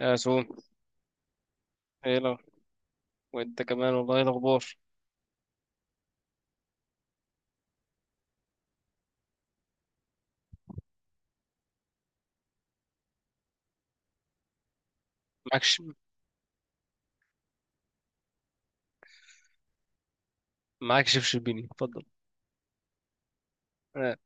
يا سوم، ايه لو؟ وانت كمان والله، ايه الاخبار؟ معكش. معاك شيف شربيني، اتفضل. آه،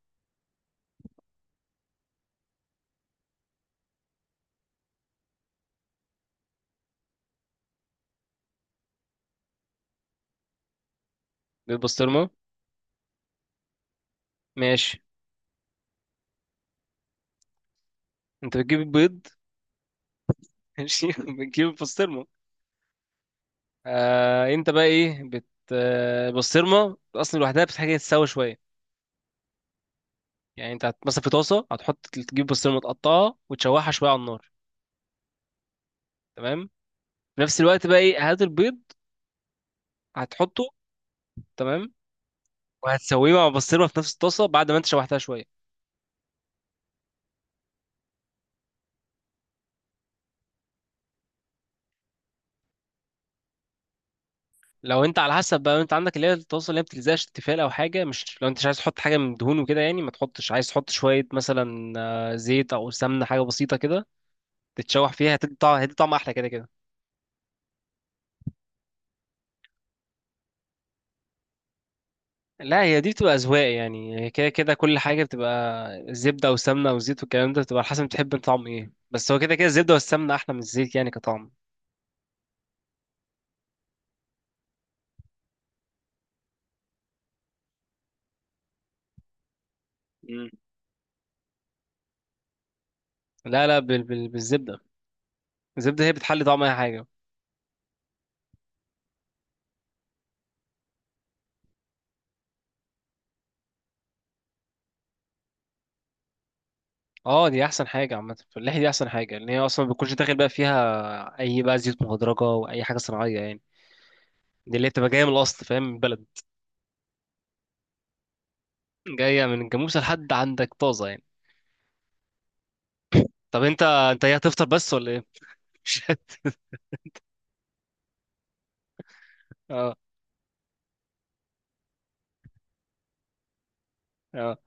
بيض بسطرمه. ماشي، انت بتجيب البيض. ماشي، بتجيب البسطرمه. آه، انت بقى ايه البسطرمه اصلا لوحدها بتحتاج تتسوى شويه. يعني انت مثلا في طاسه، هتحط تجيب بسطرمه تقطعها وتشوحها شويه على النار. تمام. في نفس الوقت بقى ايه، هات البيض، هتحطه. تمام. وهتسويه مع البسطرمه في نفس الطاسه بعد ما انت شوحتها شويه. لو انت على حسب بقى، انت عندك اللي هي الطاسه اللي هي بتلزقش، التيفال او حاجه، مش لو انت مش عايز تحط حاجه من دهون وكده يعني ما تحطش. عايز تحط شويه مثلا زيت او سمنه، حاجه بسيطه كده تتشوح فيها، هتدي طعم، هتدي طعم احلى كده كده. لا، هي دي بتبقى اذواق يعني، هي كده كده كل حاجه بتبقى زبده او سمنه او زيت والكلام ده، بتبقى على حسب بتحب انت طعم ايه، بس هو كده كده الزبده والسمنه احلى من الزيت يعني كطعم. مم. لا لا، بالزبده. الزبده هي بتحلي طعم اي حاجه. اه، دي احسن حاجه عامه، في اللحيه دي احسن حاجه، لان هي اصلا ما بتكونش داخل بقى فيها اي بقى زيوت مهدرجه واي حاجه صناعيه يعني. دي اللي هي بتبقى جايه من الاصل، فاهم، من البلد. جايه من الجاموسه لحد عندك طازه يعني. طب انت انت ايه، هتفطر بس ولا ايه؟ مش هت- اه، اه.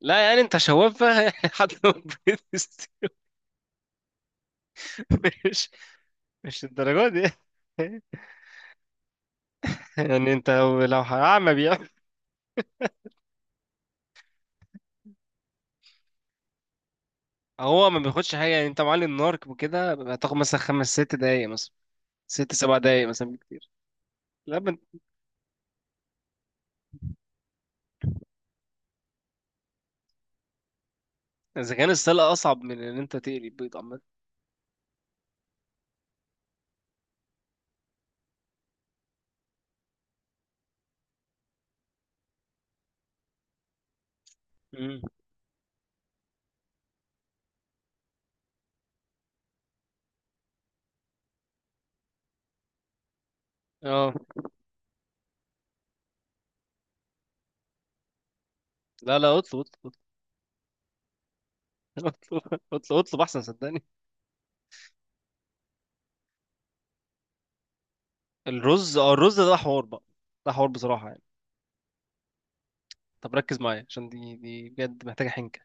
لا يعني انت شواف بقى، يعني، حد ما تبيضش. مش مش الدرجه دي. يعني انت لو هعمى بيعمل. هو ما بياخدش حاجه يعني، انت معلي النار وكده هتاخد مثلا 5 6 دقايق مثلا، 6 7 دقايق مثلا بكتير. لا، اذا كان السلق اصعب من ان انت تقلي البيض عامه. امم. اه. لا لا، اطلب، اطلب اطلب، اطلب اطلب احسن، صدقني. الرز، اه، الرز ده حوار بقى، ده حوار بصراحه يعني. طب ركز معايا عشان دي دي بجد محتاجه حنكه.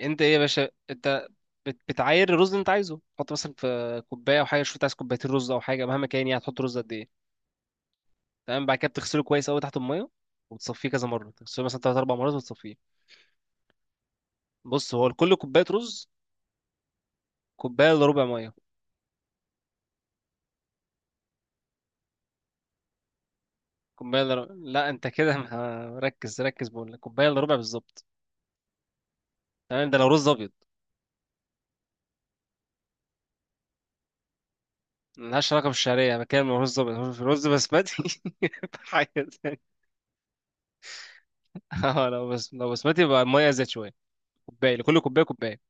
انت ايه يا باشا، انت بتعاير الرز اللي انت عايزه، تحط مثلا في كوبايه او حاجه، شوف انت عايز 2 كوباية رز او حاجه مهما كان يعني، هتحط رز قد ايه. تمام، بعد كده بتغسله كويس قوي تحت الميه وتصفيه كذا مره، تغسله مثلا 3 4 مرات وتصفيه. بص، هو لكل كوبايه رز كوبايه الا ربع ميه. كوبايه الا ربع، لا انت كده ركز ركز، بقول لك كوبايه الا ربع بالظبط. تمام، ده لو رز ابيض. ملهاش علاقه بالشعريه، انا بتكلم لو رز ابيض، في رز بسمتي. حاجه تانية. اه، لو بس لو بسمتي، يبقى الميه زاد شويه، كوبايه لكل كوبايه كوبايه.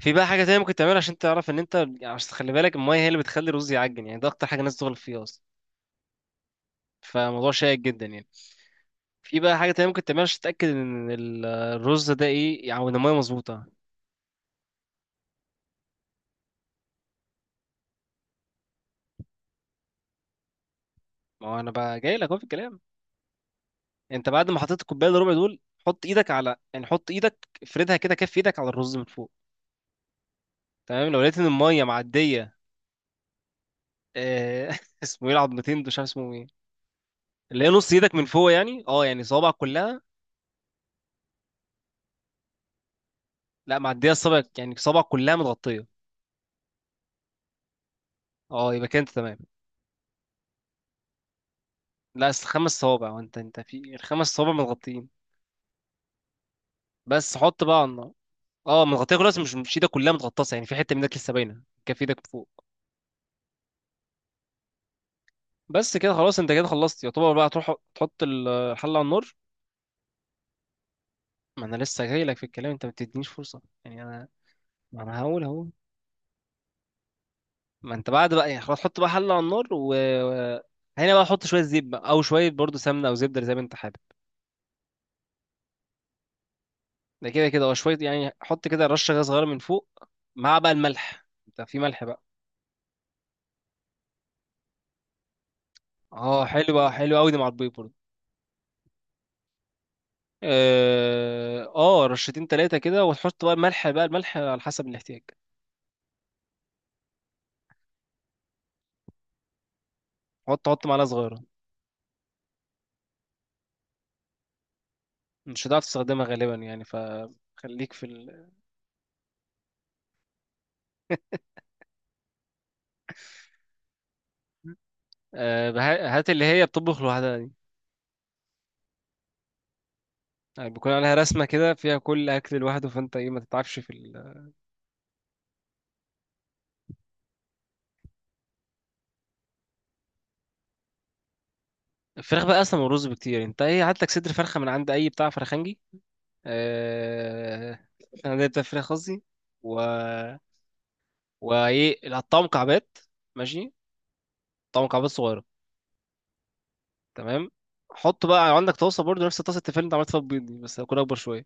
في بقى حاجه تانية ممكن تعملها عشان تعرف ان انت يعني، عشان تخلي بالك الميه هي اللي بتخلي الرز يعجن يعني، ده اكتر حاجه الناس تغلط فيه اصلا. فموضوع شائك جدا يعني. في بقى حاجه تانية ممكن تعملها عشان تتاكد ان الرز ده ايه يعني، ان الميه مظبوطه. ما هو انا بقى جاي لك اهو في الكلام. انت بعد ما حطيت الكوبايه الربع دول، حط ايدك على، يعني حط ايدك افردها كده، كف ايدك على الرز من فوق. تمام، لو لقيت ان الميه معديه اسمه ايه العظمتين دول، مش عارف اسمه ايه، اللي هي نص ايدك من فوق يعني، اه يعني صوابعك كلها. لا، معديه الصابع يعني، صوابعك كلها متغطيه. اه، يبقى كده انت تمام. لا اصل 5 صوابع، وانت انت في الخمس صوابع متغطيين. بس حط بقى على النار. اه، متغطيه كلها بس مش، مش ايدك كلها متغطاسه يعني، في حته منك لسه باينه، كف ايدك من فوق. بس كده خلاص، انت كده خلصت يعتبر بقى، تروح تحط الحله على النار. ما انا لسه جاي لك في الكلام، انت ما بتدينيش فرصه يعني انا. ما انا هقول اهو. ما انت بعد بقى يعني خلاص حط بقى حله على النار و هنا بقى حط شويه زيت بقى او شويه برضو سمنه او زبده، زي ما انت حابب. ده كده كده، وشويه يعني حط كده رشه غاز صغيره من فوق، مع بقى الملح. انت في ملح بقى؟ اه حلو بقى، حلو قوي دي مع البيض برضو. اه، رشتين ثلاثه كده، وتحط بقى الملح بقى، الملح على حسب الاحتياج. حط حط معلقه صغيره. مش هتعرف تستخدمها غالبا يعني، فخليك في هات اللي هي بتطبخ لوحدها. يعني بيكون عليها رسمة كده فيها كل أكل لوحده، فأنت إيه ما تتعبش في الفراخ بقى أصلا من الرز بكتير يعني. أنت إيه هات لك صدر فرخة من عند أي بتاع فرخنجي. آه... أنا بتاع فراخ قصدي، و... وإيه، هتقطعه مكعبات. ماشي. قطعه مكعبات صغيرة. تمام. حط بقى عندك طاسة برضو نفس طاسة التيفال اللي أنت عملت فيها البيض دي، بس هتكون أكبر شوية.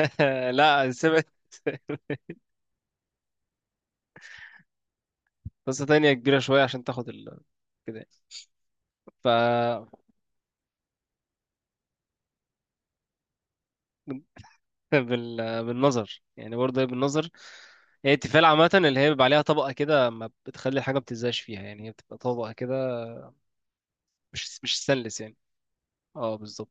لا، سمعت. طاسة تانية كبيرة شوية عشان تاخد كده. ف بال... بالنظر يعني، برضه هي بالنظر. هي التفال عامة اللي هي بيبقى عليها طبقة كده ما بتخلي الحاجة ما بتلزقش فيها يعني، هي بتبقى طبقة كده. مش ستانلس يعني. اه، بالظبط.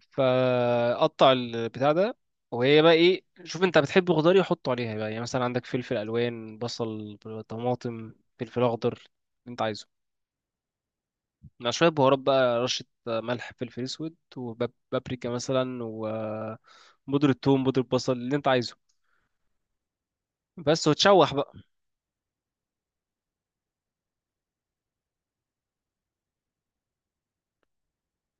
فقطع البتاع ده، وهي بقى ايه، شوف انت بتحب خضار إيه حطه عليها بقى، يعني مثلا عندك فلفل الوان، بصل، طماطم، فلفل اخضر، اللي انت عايزه، مع شويه بهارات بقى، رشه ملح، فلفل اسود وبابريكا مثلا، وبودرة ثوم، بودرة بصل، اللي انت عايزه. بس وتشوح بقى.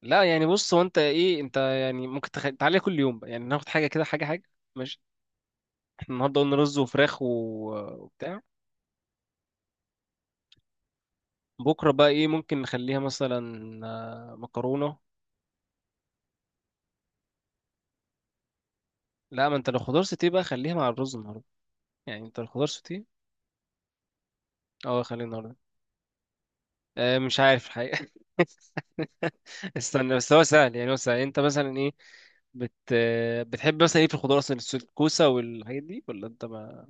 لا يعني بص، هو انت ايه، انت يعني ممكن تعالى كل يوم بقى يعني، ناخد حاجه كده، حاجه حاجه. ماشي. احنا النهارده قلنا رز وفراخ وبتاع. بكره بقى ايه، ممكن نخليها مثلا مكرونه. لا، ما انت لو خضار سوتيه بقى خليها مع الرز النهارده. يعني انت الخضار سوتيه، اه خليه النهارده. آه، مش عارف الحقيقه. استنى بس، هو سهل يعني، هو سهل. انت مثلا ايه بت... آه، بتحب مثلا ايه في الخضار اصلا، الكوسه والحاجات دي ولا انت ما،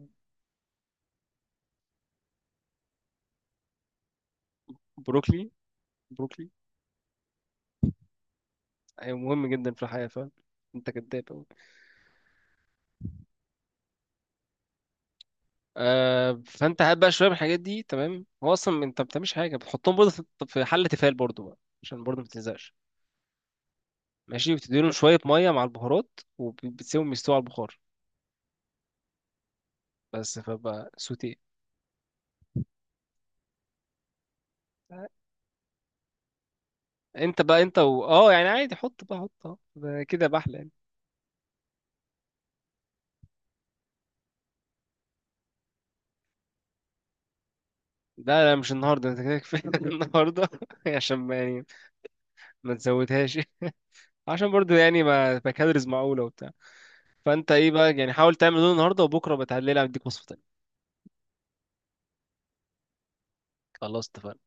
بروكلي، بروكلي. ايوه مهم جدا في الحياه، فاهم. انت كداب. آه، فانت هات بقى شويه من الحاجات دي، تمام. هو اصلا انت ما بتعملش حاجه، بتحطهم برضه في حله تيفال برضه بقى، عشان برضه ما تلزقش. ماشي، بتديلهم شويه ميه مع البهارات وبتسيبهم يستووا على البخار، بس، فبقى سوتيه. انت بقى انت اه يعني عادي حط بقى، حط، اه، ده كده بحلى يعني. لا لا، مش النهارده، انت كده كفايه النهارده. عشان ما يعني ما تزودهاش. عشان برضه يعني ما تبقى كالوريز معقوله وبتاع. فانت ايه بقى يعني، حاول تعمل دول النهارده، وبكره بتعللها اديك وصفه تانيه. خلاص اتفقنا.